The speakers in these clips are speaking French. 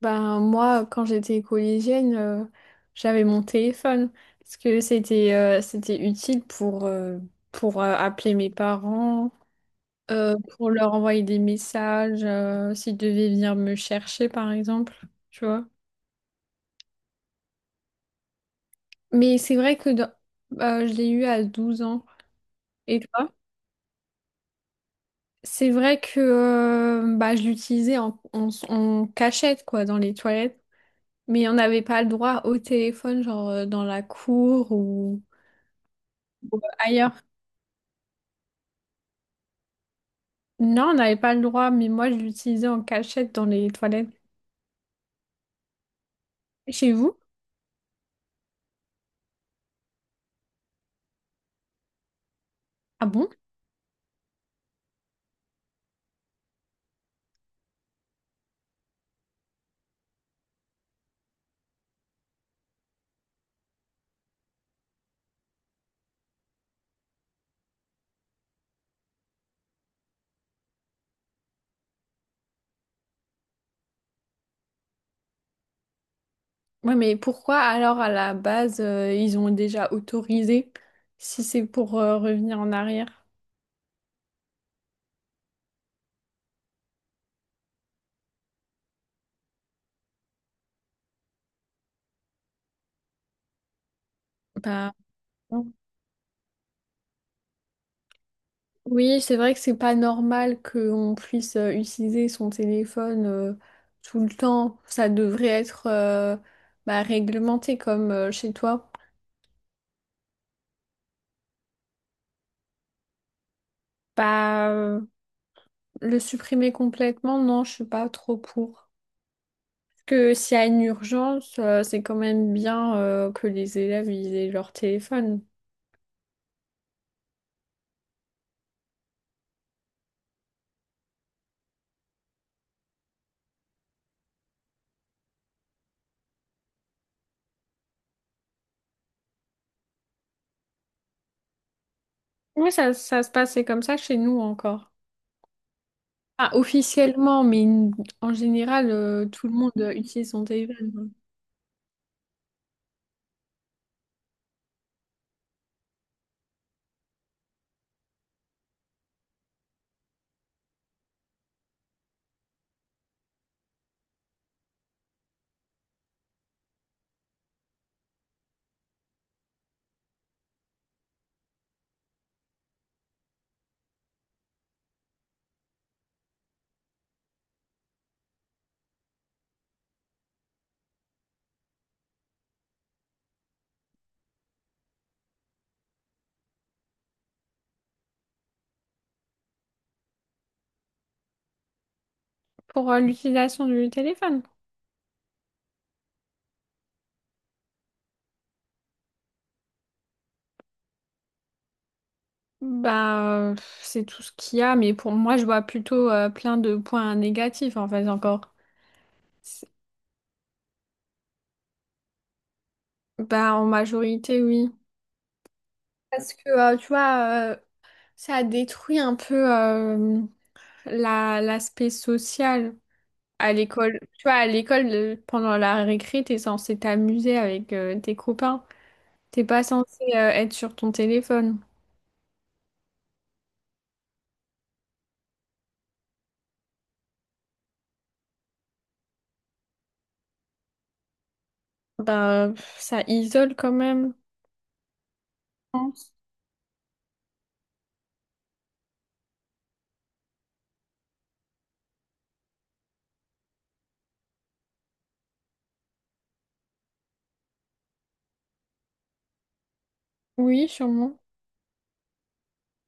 Ben, moi, quand j'étais collégienne, j'avais mon téléphone parce que c'était utile pour appeler mes parents, pour leur envoyer des messages, s'ils devaient venir me chercher, par exemple, tu vois. Mais c'est vrai que dans- Je l'ai eu à 12 ans. Et toi? C'est vrai que bah, je l'utilisais en cachette, quoi, dans les toilettes. Mais on n'avait pas le droit au téléphone, genre dans la cour ou ailleurs. Non, on n'avait pas le droit, mais moi je l'utilisais en cachette dans les toilettes. Chez vous? Ah bon? Ouais, mais pourquoi alors à la base ils ont déjà autorisé si c'est pour revenir en arrière? Bah non. Oui, c'est vrai que c'est pas normal qu'on puisse utiliser son téléphone tout le temps. Ça devrait être bah, réglementé comme chez toi. Bah euh, le supprimer complètement, non, je suis pas trop pour. Que s'il y a une urgence, c'est quand même bien que les élèves ils aient leur téléphone. Oui, ça se passait comme ça chez nous encore. Ah, officiellement, en général, tout le monde utilise son téléphone. Pour l'utilisation du téléphone, bah, euh, c'est tout ce qu'il y a, mais pour moi, je vois plutôt plein de points négatifs en fait encore. C'est- Bah, en majorité, oui. Parce que, tu vois, ça détruit un peu l'aspect social. À l'école, tu vois, à l'école, pendant la récré, t'es censé t'amuser avec tes copains. T'es pas censé être sur ton téléphone. Bah, pff, ça isole quand même, je pense. Oui, sûrement.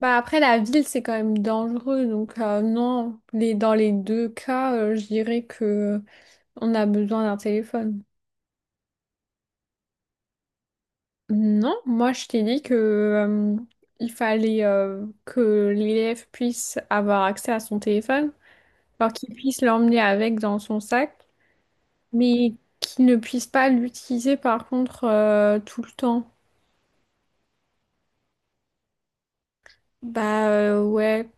Bah, après, la ville, c'est quand même dangereux. Donc, non, les, dans les deux cas, je dirais que on a besoin d'un téléphone. Non, moi, je t'ai dit que il fallait que l'élève puisse avoir accès à son téléphone, alors qu'il puisse l'emmener avec dans son sac. Mais qu'ils ne puissent pas l'utiliser par contre tout le temps. Ouais,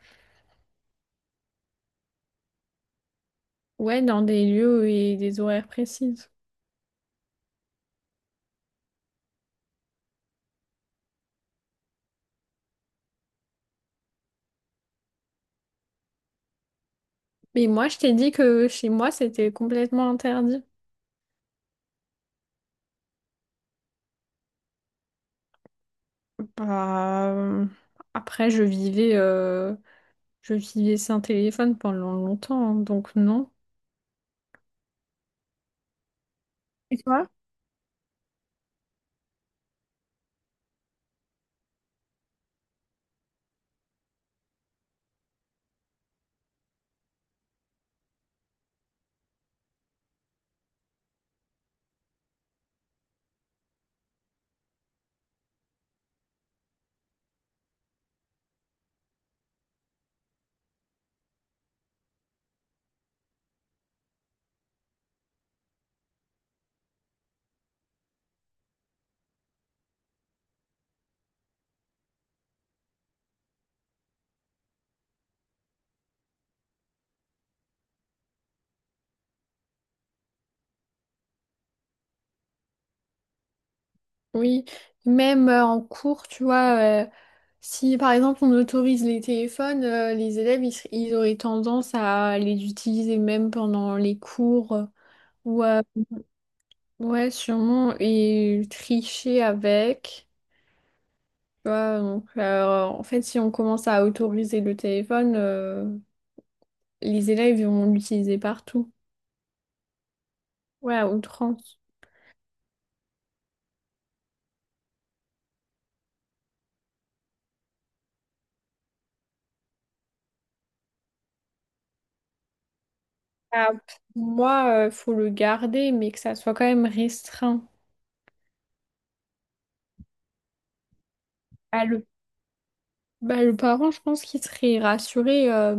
ouais, dans des lieux et des horaires précises. Mais moi, je t'ai dit que chez moi, c'était complètement interdit. Bah, euh, après, je vivais sans téléphone pendant longtemps, hein, donc non. Et toi? Oui, même en cours, tu vois, si par exemple on autorise les téléphones, les élèves, ils auraient tendance à les utiliser même pendant les cours, ou à- ouais, sûrement, et tricher avec, tu vois, donc en fait, si on commence à autoriser le téléphone, les élèves ils vont l'utiliser partout, ouais, à outrance. Ah, pour moi, il faut le garder, mais que ça soit quand même restreint. À Bah, le parent, je pense qu'il serait rassuré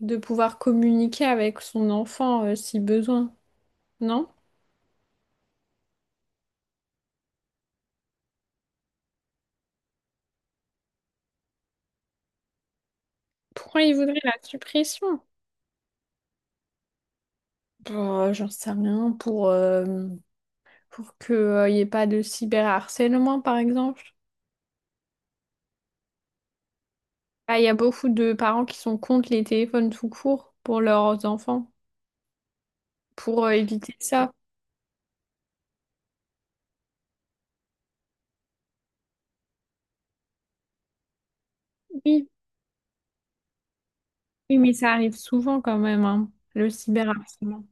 de pouvoir communiquer avec son enfant si besoin, non? Pourquoi il voudrait la suppression? Bah, j'en sais rien, pour qu'il n'y ait pas de cyberharcèlement, par exemple. Ah, il y a beaucoup de parents qui sont contre les téléphones tout court pour leurs enfants, pour éviter ça. Oui, oui, mais ça arrive souvent quand même, hein, le cyberharcèlement.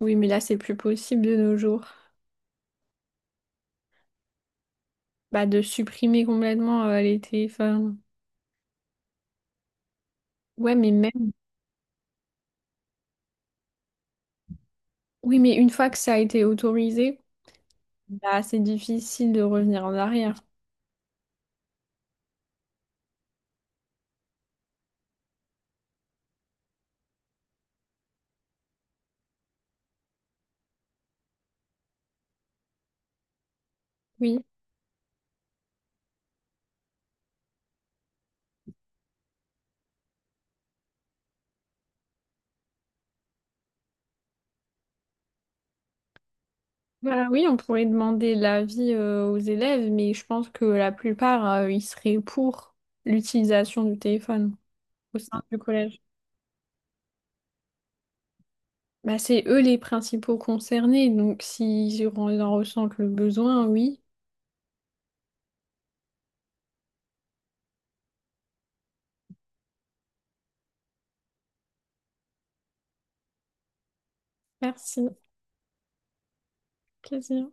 Oui, mais là, c'est plus possible de nos jours. Bah, de supprimer complètement les téléphones. Ouais, mais même. Oui, mais une fois que ça a été autorisé, bah, c'est difficile de revenir en arrière. Oui. Bah, oui, on pourrait demander l'avis aux élèves, mais je pense que la plupart, ils seraient pour l'utilisation du téléphone au sein du collège. Bah, c'est eux les principaux concernés, donc s'ils en ressentent le besoin, oui. Merci. Plaisir.